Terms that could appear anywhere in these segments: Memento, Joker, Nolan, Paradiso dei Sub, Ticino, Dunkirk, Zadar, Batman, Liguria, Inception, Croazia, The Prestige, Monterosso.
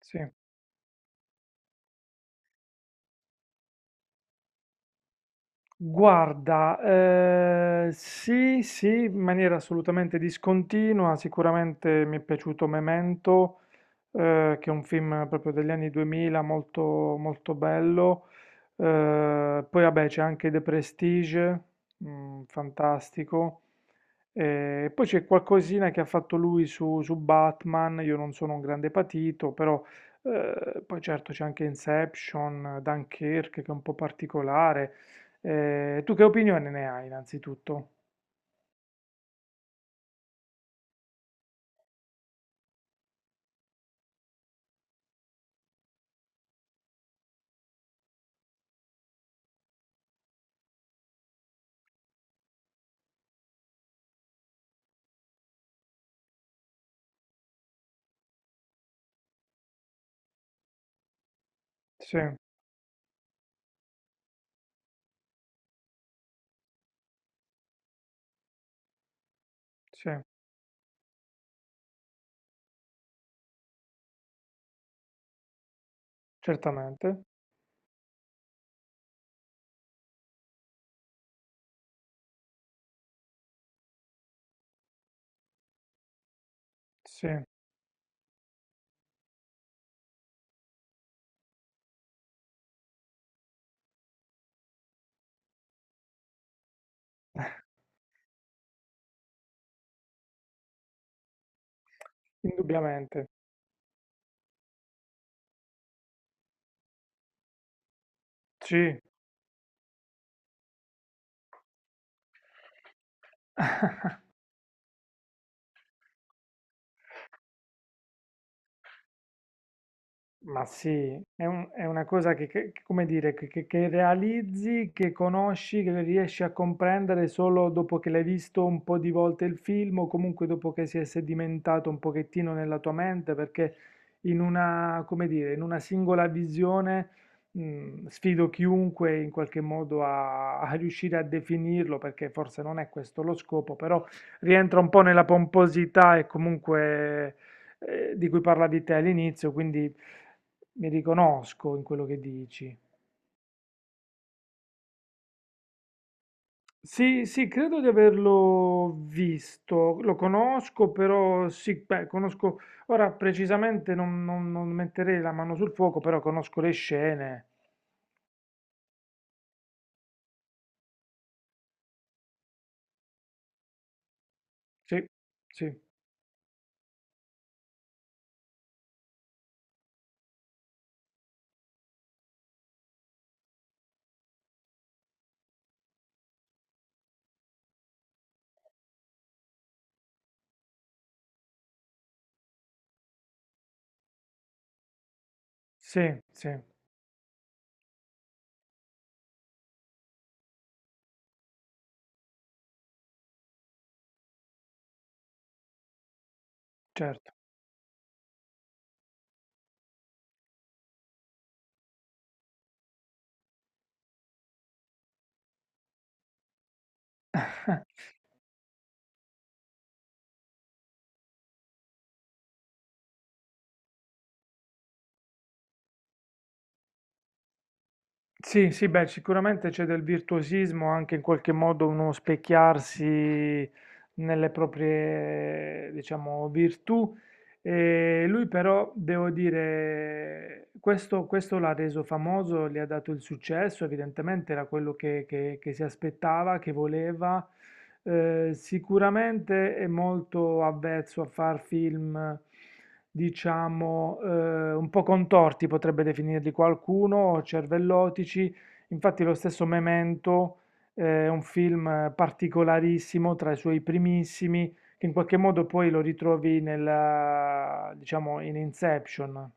Sì, guarda, sì, sì, in maniera assolutamente discontinua, sicuramente mi è piaciuto Memento, che è un film proprio degli anni 2000 molto, molto bello. Poi vabbè c'è anche The Prestige, mm, fantastico. E poi c'è qualcosina che ha fatto lui su Batman, io non sono un grande patito, però poi certo c'è anche Inception, Dunkirk che è un po' particolare. Tu che opinione ne hai innanzitutto? Sì, sì, certamente, sì, indubbiamente, sì. Ma sì, è, è una cosa che, come dire, che realizzi, che conosci, che riesci a comprendere solo dopo che l'hai visto un po' di volte il film o comunque dopo che si è sedimentato un pochettino nella tua mente, perché in una, come dire, in una singola visione, sfido chiunque in qualche modo a, a riuscire a definirlo, perché forse non è questo lo scopo, però rientra un po' nella pomposità e comunque di cui parlavi te all'inizio, quindi mi riconosco in quello che dici. Sì, sì, credo di averlo visto, lo conosco, però sì, beh, conosco, ora precisamente non metterei la mano sul fuoco, però conosco le scene. Sì, sì, sì, sì, certo. Sì, sì, beh, sicuramente c'è del virtuosismo, anche in qualche modo uno specchiarsi nelle proprie, diciamo, virtù. E lui però, devo dire, questo l'ha reso famoso, gli ha dato il successo, evidentemente era quello che si aspettava, che voleva. Sicuramente è molto avvezzo a far film, diciamo, un po' contorti, potrebbe definirli qualcuno, o cervellotici. Infatti lo stesso Memento è un film particolarissimo, tra i suoi primissimi che in qualche modo poi lo ritrovi nella, diciamo, in Inception.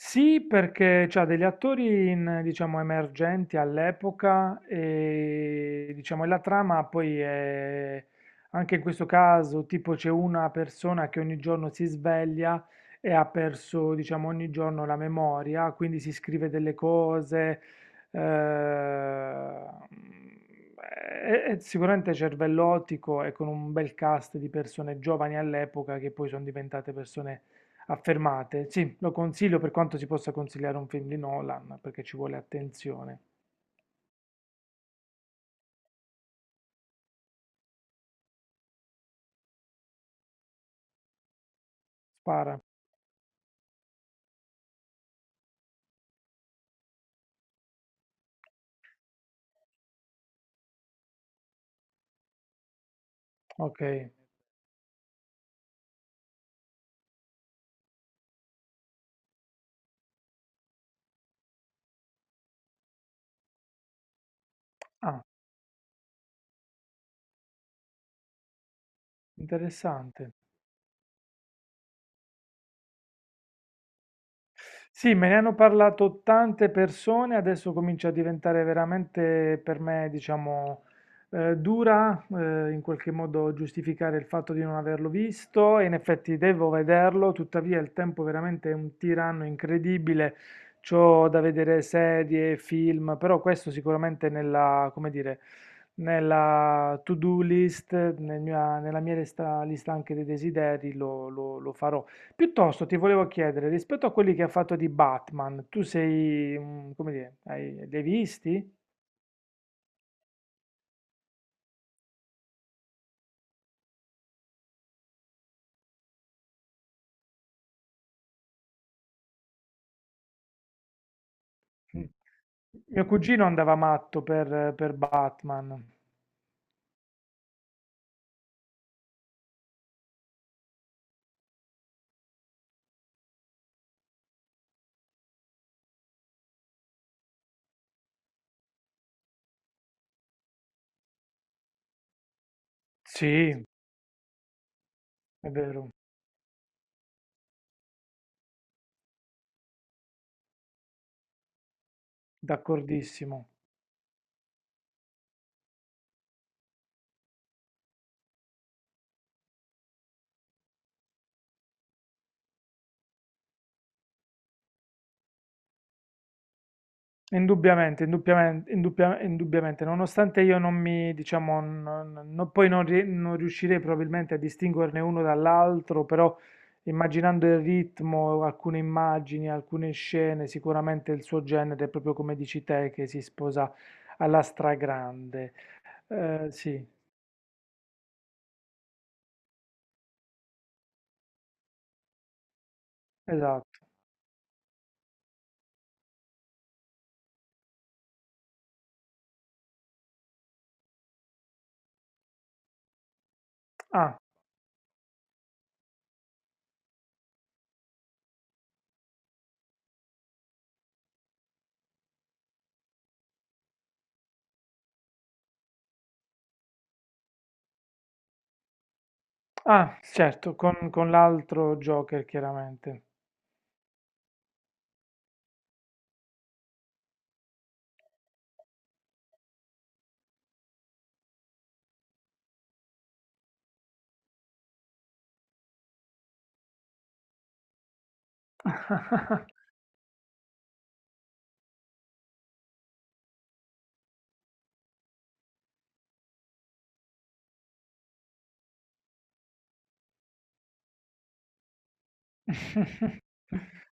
Sì, perché c'ha degli attori in, diciamo, emergenti all'epoca e diciamo, e la trama poi è, anche in questo caso, tipo c'è una persona che ogni giorno si sveglia e ha perso, diciamo, ogni giorno la memoria, quindi si scrive delle cose, eh, è sicuramente cervellotico e con un bel cast di persone giovani all'epoca che poi sono diventate persone affermate, sì, lo consiglio per quanto si possa consigliare un film di Nolan, perché ci vuole attenzione. Spara. Ok. Ah, interessante. Sì, me ne hanno parlato tante persone, adesso comincia a diventare veramente per me, diciamo, dura, in qualche modo giustificare il fatto di non averlo visto e in effetti devo vederlo, tuttavia il tempo veramente è un tiranno incredibile, c'ho da vedere serie, film, però questo sicuramente nella, come dire, nella to-do list, nella mia lista, lista anche dei desideri lo farò. Piuttosto ti volevo chiedere, rispetto a quelli che ha fatto di Batman, tu sei, mm, come dire, hai, li hai visti? Mm. Mio cugino andava matto per Batman. Sì, è vero, d'accordissimo. Indubbiamente, indubbiamente, nonostante io non mi, diciamo, poi non riuscirei probabilmente a distinguerne uno dall'altro, però immaginando il ritmo, alcune immagini, alcune scene, sicuramente il suo genere, proprio come dici te, che si sposa alla stragrande. Sì, esatto. Ah, ah, certo, con l'altro Joker, chiaramente.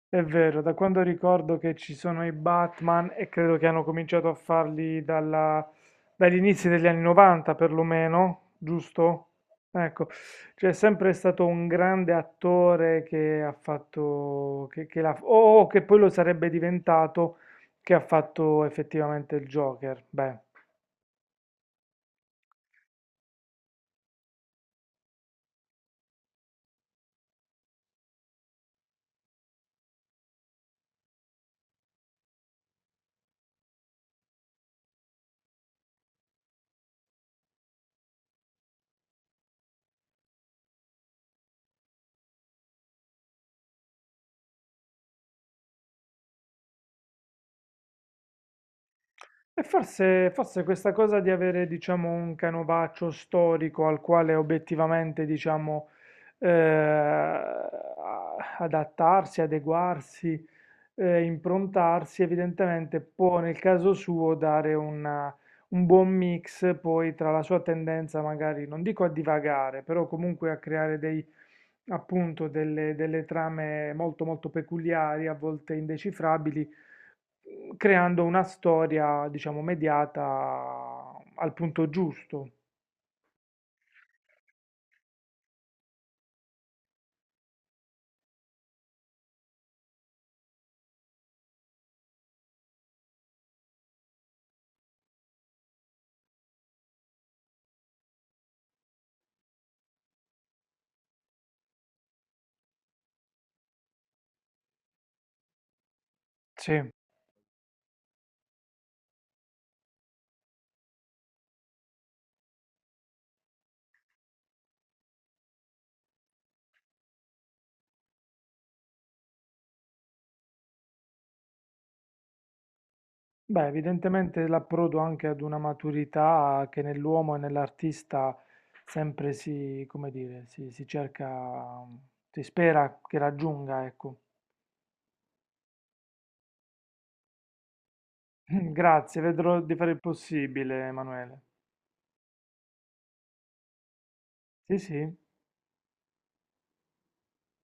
È vero, da quando ricordo che ci sono i Batman e credo che hanno cominciato a farli dagli inizi degli anni 90 perlomeno, giusto? Ecco, c'è sempre stato un grande attore che ha fatto, che o che poi lo sarebbe diventato, che ha fatto effettivamente il Joker. Beh. E forse questa cosa di avere, diciamo, un canovaccio storico al quale obiettivamente, diciamo, adattarsi, adeguarsi, improntarsi, evidentemente può nel caso suo dare una- un buon mix poi tra la sua tendenza magari, non dico a divagare, però comunque a creare dei, appunto, delle delle trame molto molto peculiari, a volte indecifrabili mhmm, creando una storia, diciamo, mediata al punto giusto. Sì. Beh, evidentemente l'approdo anche ad una maturità che nell'uomo e nell'artista sempre si, come dire, si cerca, mhmm, si spera che raggiunga, ecco. Grazie, vedrò di fare il possibile, Emanuele. Sì, sì.